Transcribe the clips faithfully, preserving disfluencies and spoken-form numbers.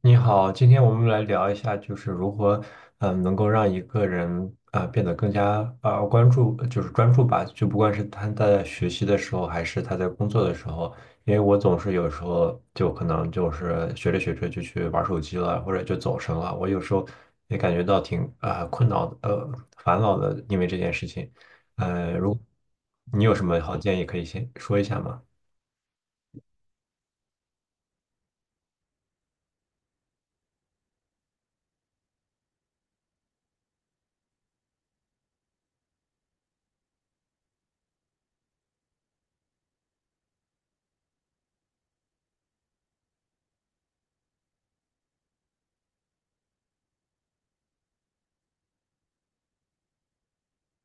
你好，今天我们来聊一下，就是如何，嗯、能够让一个人啊、呃变得更加啊、呃关注，就是专注吧。就不管是他在学习的时候，还是他在工作的时候，因为我总是有时候就可能就是学着学着就去玩手机了，或者就走神了。我有时候也感觉到挺啊、呃困扰的，呃烦恼的，因为这件事情。呃，如果你有什么好建议可以先说一下吗？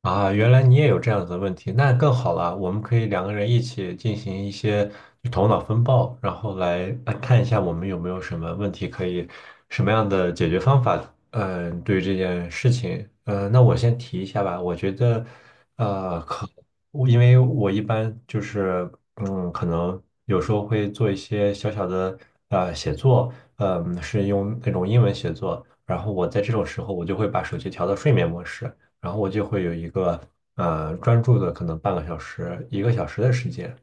啊，原来你也有这样子的问题，那更好了。我们可以两个人一起进行一些头脑风暴，然后来呃看一下我们有没有什么问题可以，什么样的解决方法。嗯、对于这件事情，嗯，那我先提一下吧。我觉得，呃，可我因为我一般就是，嗯，可能有时候会做一些小小的呃写作，嗯、是用那种英文写作。然后我在这种时候，我就会把手机调到睡眠模式。然后我就会有一个呃专注的可能半个小时、一个小时的时间。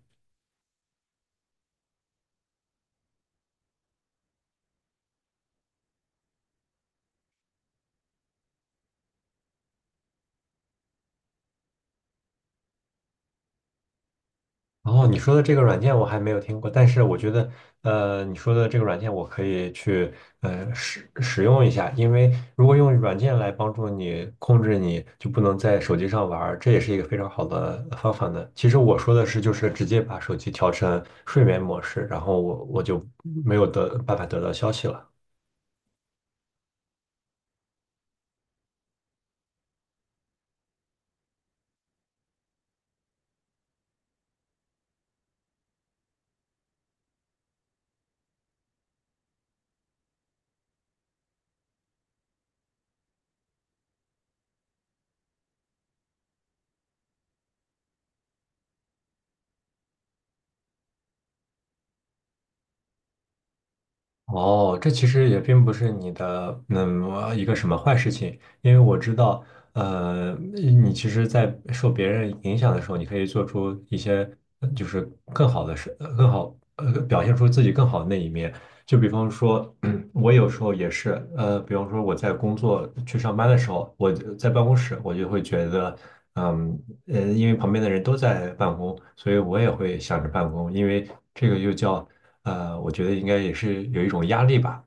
然后你说的这个软件我还没有听过，但是我觉得呃你说的这个软件我可以去呃使使用一下，因为如果用软件来帮助你控制你就不能在手机上玩儿，这也是一个非常好的方法呢。其实我说的是就是直接把手机调成睡眠模式，然后我我就没有得办法得到消息了。哦，这其实也并不是你的嗯一个什么坏事情，因为我知道，呃，你其实，在受别人影响的时候，你可以做出一些呃就是更好的事，呃更好呃表现出自己更好的那一面。就比方说，我有时候也是，呃，比方说我在工作去上班的时候，我就在办公室，我就会觉得，嗯呃，因为旁边的人都在办公，所以我也会想着办公，因为这个又叫。呃，我觉得应该也是有一种压力吧。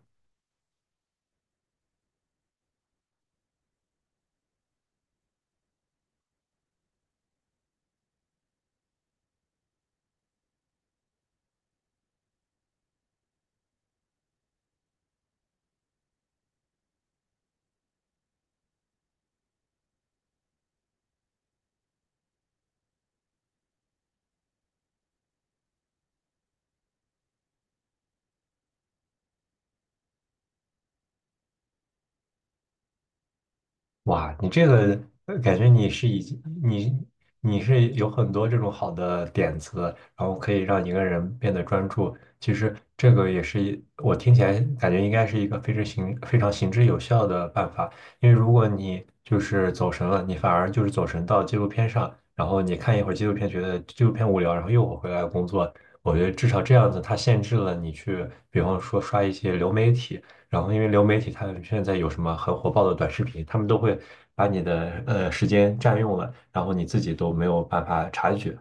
哇，你这个呃感觉你是已经你你是有很多这种好的点子，然后可以让一个人变得专注。其实这个也是一我听起来感觉应该是一个非常行非常行之有效的办法，因为如果你就是走神了，你反而就是走神到纪录片上，然后你看一会儿纪录片，觉得纪录片无聊，然后又回来工作。我觉得至少这样子，它限制了你去，比方说刷一些流媒体。然后因为流媒体它现在有什么很火爆的短视频，他们都会把你的呃时间占用了，然后你自己都没有办法察觉。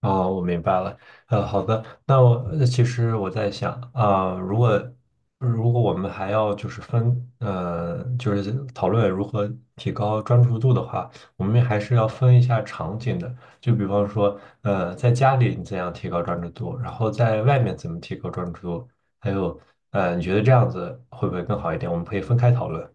哦，我明白了。呃，好的，那我呃其实我在想，啊、如果如果我们还要就是分，呃，就是讨论如何提高专注度的话，我们还是要分一下场景的。就比方说，呃，在家里你怎样提高专注度，然后在外面怎么提高专注度，还有，呃，你觉得这样子会不会更好一点？我们可以分开讨论。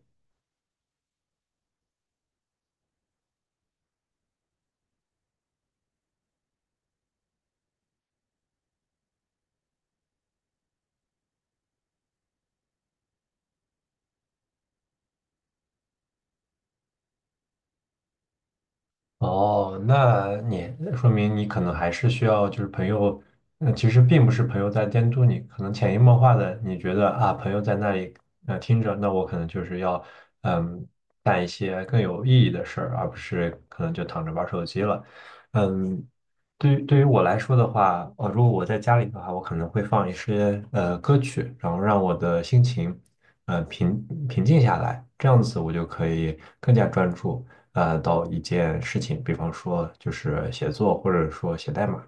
哦，那你说明你可能还是需要，就是朋友，嗯，其实并不是朋友在监督你，可能潜移默化的，你觉得啊，朋友在那里呃听着，那我可能就是要嗯干一些更有意义的事儿，而不是可能就躺着玩手机了。嗯，对于对于我来说的话，呃，如果我在家里的话，我可能会放一些呃歌曲，然后让我的心情呃平平静下来，这样子我就可以更加专注。呃到一件事情，比方说就是写作或者说写代码。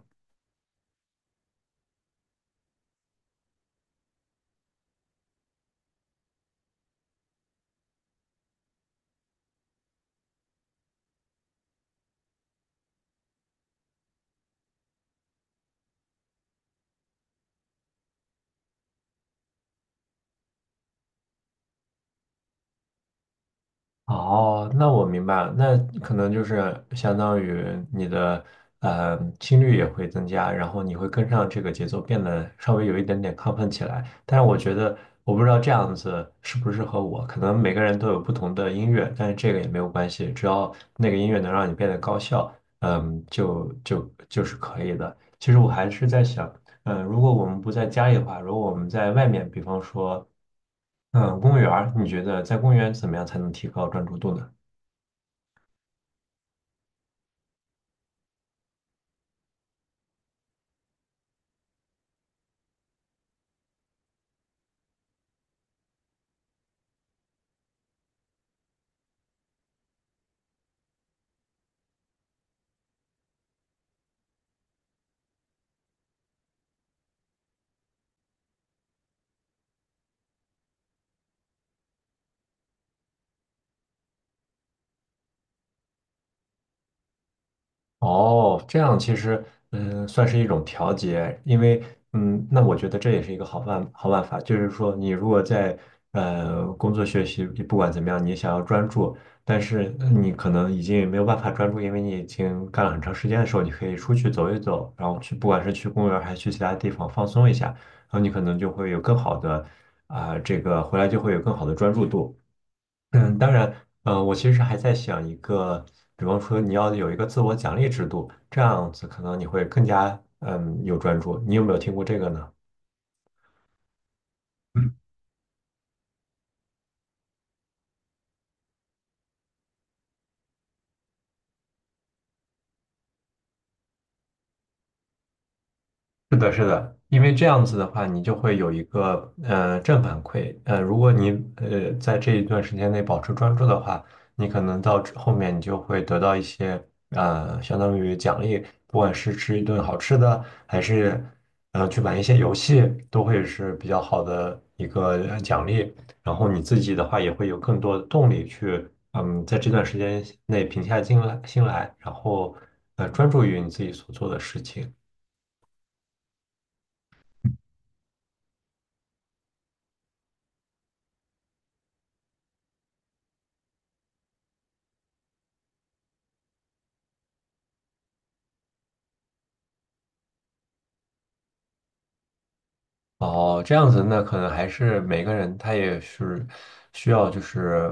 哦，那我明白了，那可能就是相当于你的呃心率也会增加，然后你会跟上这个节奏，变得稍微有一点点亢奋起来。但是我觉得，我不知道这样子适不适合我，可能每个人都有不同的音乐，但是这个也没有关系，只要那个音乐能让你变得高效，嗯，就就就是可以的。其实我还是在想，嗯，如果我们不在家里的话，如果我们在外面，比方说，嗯，公园儿你觉得在公园怎么样才能提高专注度呢？哦，这样其实嗯，算是一种调节，因为嗯，那我觉得这也是一个好办好办法，就是说你如果在呃工作学习，不管怎么样，你想要专注，但是呃你可能已经没有办法专注，因为你已经干了很长时间的时候，你可以出去走一走，然后去不管是去公园儿还是去其他地方放松一下，然后你可能就会有更好的啊、这个回来就会有更好的专注度。嗯，当然，嗯，我其实还在想一个，比方说你要有一个自我奖励制度，这样子可能你会更加嗯有专注。你有没有听过这个呢？是的，是的，因为这样子的话，你就会有一个呃正反馈。呃，如果你呃在这一段时间内保持专注的话，你可能到之后面你就会得到一些呃相当于奖励，不管是吃一顿好吃的，还是呃去玩一些游戏，都会是比较好的一个呃奖励。然后你自己的话也会有更多的动力去嗯在这段时间内平下心来心来，然后呃专注于你自己所做的事情。哦，这样子，那可能还是每个人他也是需要，就是，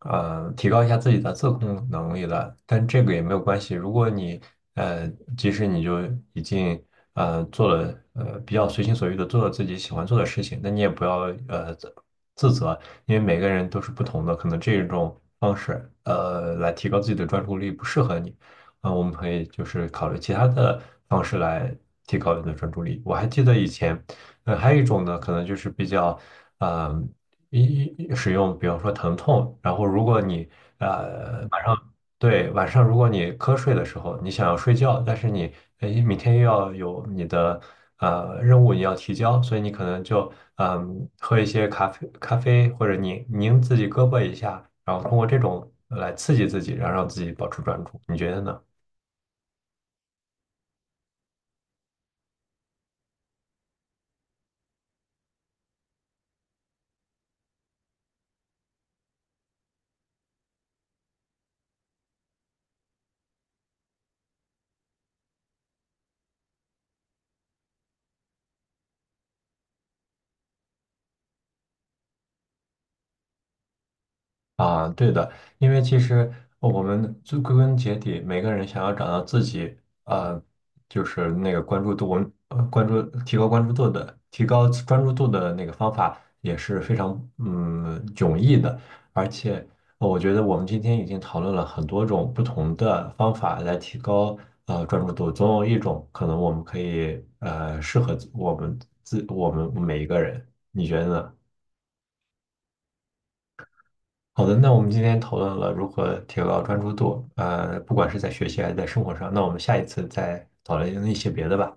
呃，提高一下自己的自控能力的。但这个也没有关系，如果你，呃，即使你就已经，呃，做了，呃，比较随心所欲的做了自己喜欢做的事情，那你也不要，呃，自自责，因为每个人都是不同的，可能这种方式，呃，来提高自己的专注力不适合你。嗯，呃我们可以就是考虑其他的方式来提高你的专注力。我还记得以前，呃，还有一种呢，可能就是比较，嗯，一一使用，比方说疼痛，然后如果你呃晚上对晚上如果你瞌睡的时候，你想要睡觉，但是你呃明天又要有你的呃任务你要提交，所以你可能就嗯、喝一些咖啡咖啡或者拧拧自己胳膊一下，然后通过这种来刺激自己，然后让自己保持专注，你觉得呢？啊，对的，因为其实我们最归根结底，每个人想要找到自己，呃，就是那个关注度，我们呃关注提高关注度的，提高专注度的那个方法也是非常嗯迥异的，而且呃我觉得我们今天已经讨论了很多种不同的方法来提高呃专注度，总有一种可能我们可以呃适合自我们自我们每一个人，你觉得呢？好的，那我们今天讨论了如何提高专注度，呃，不管是在学习还是在生活上，那我们下一次再讨论一些别的吧。